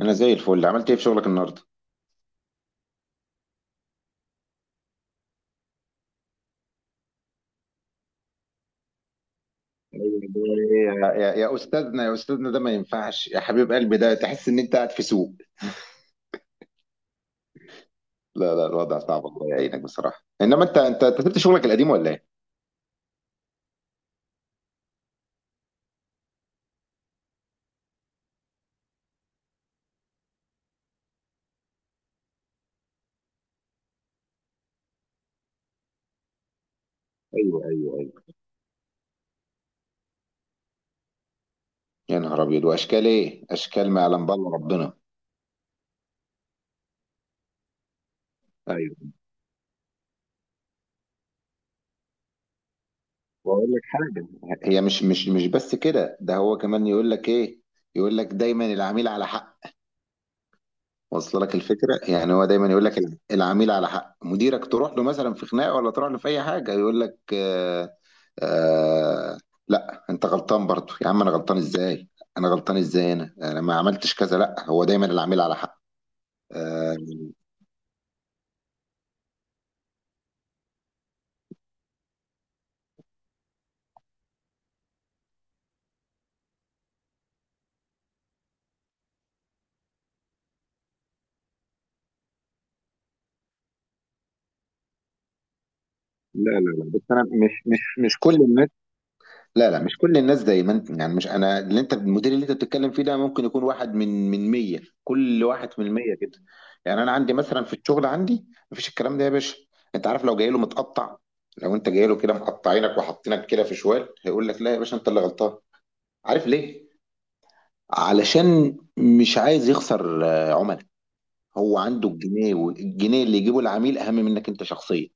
انا زي الفل. عملت ايه في شغلك النهارده؟ أيوة، يا استاذنا يا استاذنا، ده ما ينفعش يا حبيب قلبي. ده تحس ان انت قاعد في سوق. لا لا، الوضع صعب، الله يعينك بصراحه. انما انت انت أنت سبت شغلك القديم ولا ايه؟ ايوه ايوه ايوه. يا نهار ابيض، واشكال ايه؟ اشكال ما يعلم بالله ربنا. ايوه، واقول لك حاجه. هي مش بس كده. ده هو كمان يقول لك ايه؟ يقول لك دايما العميل على حق. واصله لك الفكره؟ يعني هو دايما يقول لك العميل على حق. مديرك تروح له مثلا في خناقه ولا تروح له في اي حاجه، يقول لك آه. آه. لا انت غلطان برضو يا عم. انا غلطان ازاي؟ انا غلطان ازاي؟ انا ما عملتش كذا. لا، هو دايما العميل على حق. آه. لا لا لا، بس انا مش كل الناس. لا لا، مش كل الناس زي ما انت يعني. مش انا اللي، انت المدير اللي انت بتتكلم فيه ده ممكن يكون واحد من 100. كل واحد من 100 كده. يعني انا عندي مثلا في الشغل عندي مفيش الكلام ده يا باشا. انت عارف لو جاي له متقطع، لو انت جاي له كده مقطعينك وحاطينك كده في شوال، هيقول لك لا يا باشا انت اللي غلطان. عارف ليه؟ علشان مش عايز يخسر عملاء. هو عنده الجنيه، والجنيه اللي يجيبه العميل اهم منك انت شخصيا.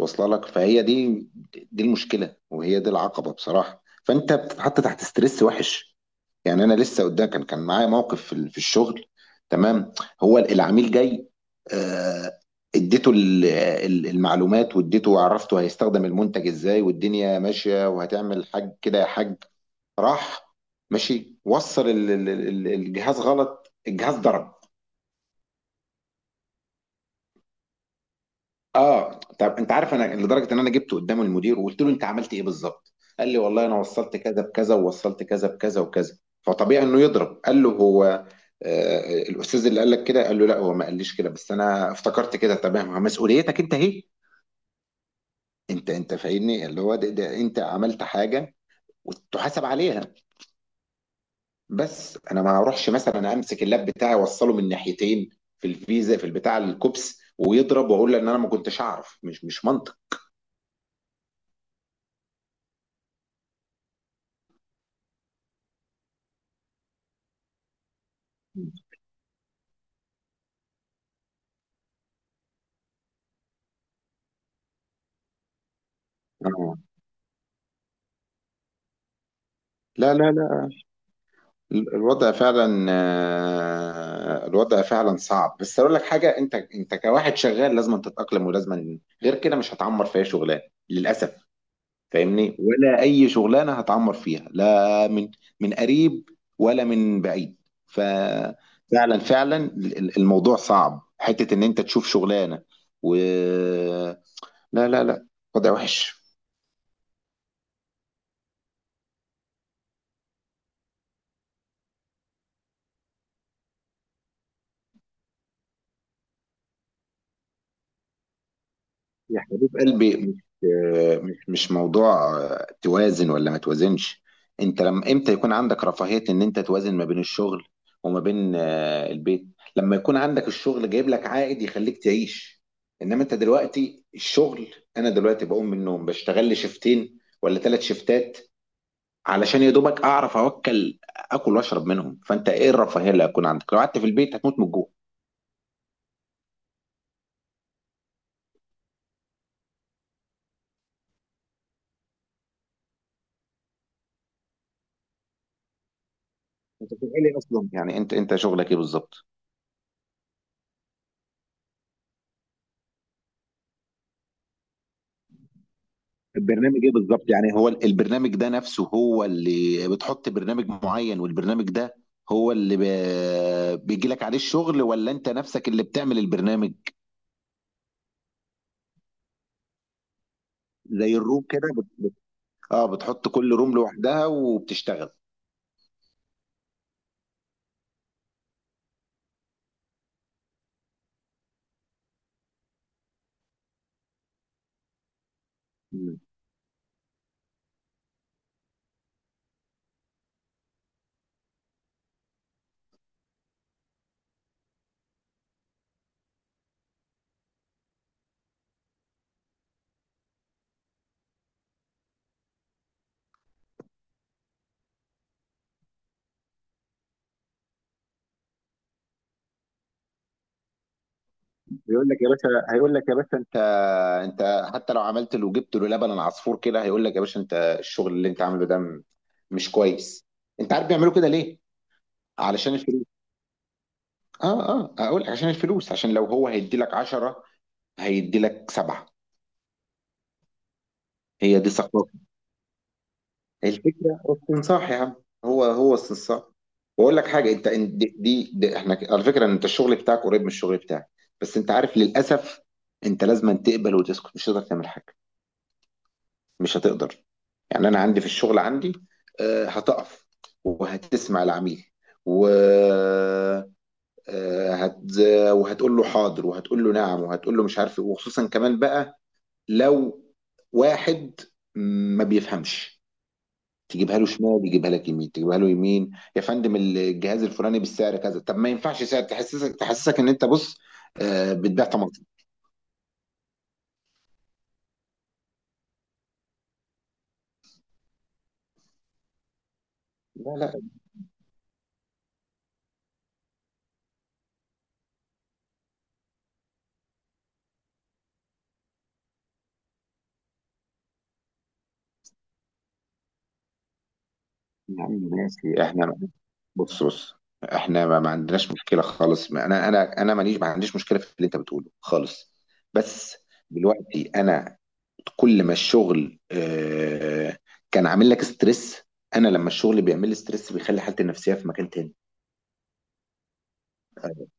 واصله لك؟ فهي دي، دي المشكله، وهي دي العقبه بصراحه. فانت بتتحط تحت ستريس وحش. يعني انا لسه قدام، كان معايا موقف في في الشغل. تمام. هو العميل جاي، آه، اديته المعلومات، واديته وعرفته هيستخدم المنتج ازاي والدنيا ماشيه وهتعمل حاج كده يا حاج. راح ماشي، وصل الجهاز غلط، الجهاز ضرب. اه، طب انت عارف؟ انا لدرجه ان انا جبته قدام المدير وقلت له انت عملت ايه بالظبط. قال لي والله انا وصلت كذا بكذا، ووصلت كذا بكذا وكذا، فطبيعي انه يضرب. قال له هو آه، الاستاذ اللي قال لك كده؟ قال له لا، هو ما قاليش كده، بس انا افتكرت كده. تمام، مسؤوليتك انت اهي. انت فاهمني، اللي هو ده, انت عملت حاجه وتحاسب عليها. بس انا ما اروحش مثلا امسك اللاب بتاعي اوصله من ناحيتين، في الفيزا في البتاع الكوبس ويضرب واقول له ان انا ما كنتش اعرف. مش منطق. آه. لا لا، الوضع فعلا، الوضع فعلا صعب. بس اقول لك حاجه، انت كواحد شغال، لازم تتاقلم، ولازم، غير كده مش هتعمر في اي شغلانه للاسف. فاهمني؟ ولا اي شغلانه هتعمر فيها، لا من من قريب ولا من بعيد. ففعلا فعلا الموضوع صعب، حته ان انت تشوف شغلانه و... لا لا لا، وضع وحش. يا حبيب قلبي مش، مش موضوع توازن ولا ما توازنش. انت لما امتى يكون عندك رفاهية ان انت توازن ما بين الشغل وما بين البيت؟ لما يكون عندك الشغل جايب لك عائد يخليك تعيش. انما انت دلوقتي الشغل، انا دلوقتي بقوم من النوم، بشتغل لي شيفتين ولا 3 شيفتات علشان يا دوبك اعرف اوكل. اكل واشرب منهم. فانت ايه الرفاهية اللي هتكون عندك؟ لو قعدت في البيت هتموت من الجوع. انت شغال ايه اصلا؟ يعني انت شغلك ايه بالظبط؟ البرنامج ايه بالظبط يعني؟ هو البرنامج ده نفسه، هو اللي بتحط برنامج معين، والبرنامج ده هو اللي بيجي لك عليه الشغل، ولا انت نفسك اللي بتعمل البرنامج؟ زي الروم كده اه، بتحط كل روم لوحدها وبتشتغل. مم. هيقول لك يا باشا، هيقول لك يا باشا انت، انت حتى لو عملت له جبت له لبن العصفور كده، هيقول لك يا باشا انت الشغل اللي انت عامله ده مش كويس. انت عارف بيعملوا كده ليه؟ علشان الفلوس. اه اه، اقول لك عشان الفلوس، عشان لو هو هيدي لك 10، هيدي لك 7. هي دي ثقافة. الفكرة استنصاح يا عم، هو هو استنصاح. واقول لك حاجة، انت دي احنا على فكرة انت الشغل بتاعك قريب من الشغل بتاعك. بس انت عارف، للأسف انت لازم أن تقبل وتسكت. مش هتقدر تعمل حاجة، مش هتقدر. يعني انا عندي في الشغل عندي، هتقف وهتسمع العميل و آه، هت... وهتقول له حاضر، وهتقول له نعم، وهتقول له مش عارف إيه. وخصوصا كمان بقى لو واحد ما بيفهمش، تجيبها له شمال يجيبها لك يمين، تجيبها له يمين. يا فندم الجهاز الفلاني بالسعر كذا؟ طب ما ينفعش سعر، تحسسك تحسسك ان انت، بص، بتبيع طماطم. لا لا يا عم، ماشي احنا. بص بص، احنا ما عندناش مشكله خالص. ما انا ماليش، ما عنديش مشكله في اللي انت بتقوله خالص. بس دلوقتي انا كل ما الشغل كان عامل لك ستريس، انا لما الشغل بيعمل لي ستريس بيخلي حالتي النفسيه في مكان تاني.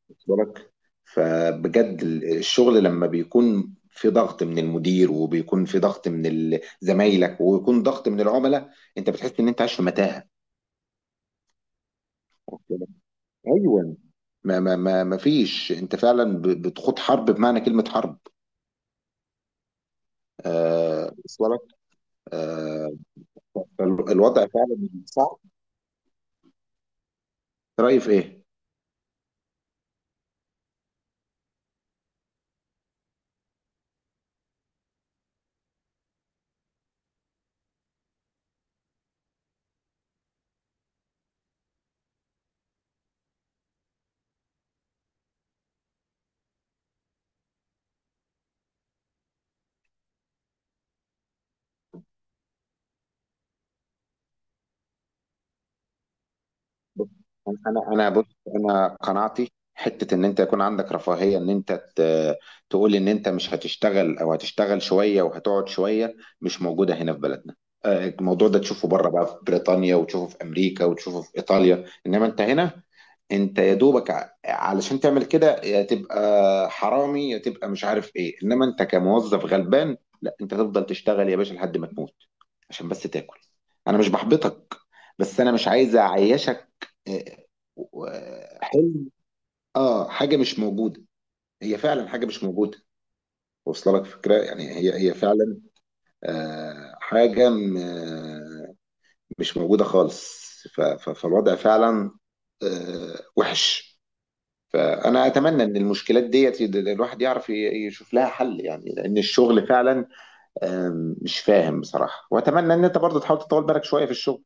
واخد بالك؟ فبجد الشغل لما بيكون في ضغط من المدير وبيكون في ضغط من زمايلك ويكون ضغط من العملاء، انت بتحس ان انت عايش في متاهه. ايوه، ما فيش، انت فعلا بتخوض حرب بمعنى كلمه حرب. وصل لك. آه. فالوضع فعلا صعب. رايي في ايه؟ بص، انا بص. انا قناعتي، حته ان انت يكون عندك رفاهيه ان انت تقول ان انت مش هتشتغل او هتشتغل شويه وهتقعد شويه، مش موجوده هنا في بلدنا. الموضوع ده تشوفه بره بقى في بريطانيا، وتشوفه في امريكا، وتشوفه في ايطاليا، انما انت هنا، انت يا دوبك علشان تعمل كده، يا تبقى حرامي يا تبقى مش عارف ايه. انما انت كموظف غلبان، لا، انت تفضل تشتغل يا باشا لحد ما تموت عشان بس تاكل. انا مش بحبطك، بس انا مش عايز اعيشك. آه، و- حلم. اه، حاجه مش موجوده. هي فعلا حاجه مش موجوده. واصله لك فكره؟ يعني هي هي فعلا. حاجه مش موجوده خالص. فالوضع فعلا وحش. فانا اتمنى ان المشكلات ديت الواحد يعرف يشوف لها حل، يعني لان الشغل فعلا مش فاهم بصراحه. واتمنى ان انت برضه تحاول تطول بالك شويه في الشغل.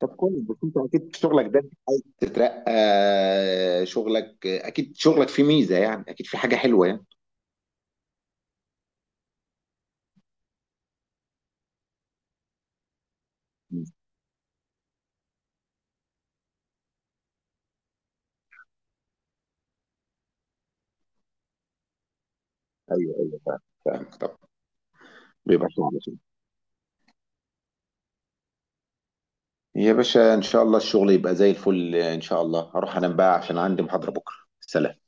طب كويس، بس انت اكيد في شغلك ده بتترقى. شغلك اكيد، شغلك فيه ميزه يعني، اكيد في حاجه حلوه يعني. مم. ايوه ايوه فاهم. فاهم، طب، بيبقى شغل شغل. يا باشا ان شاء الله الشغل يبقى زي الفل. ان شاء الله هروح انام بقى عشان عندي محاضره بكره. سلام.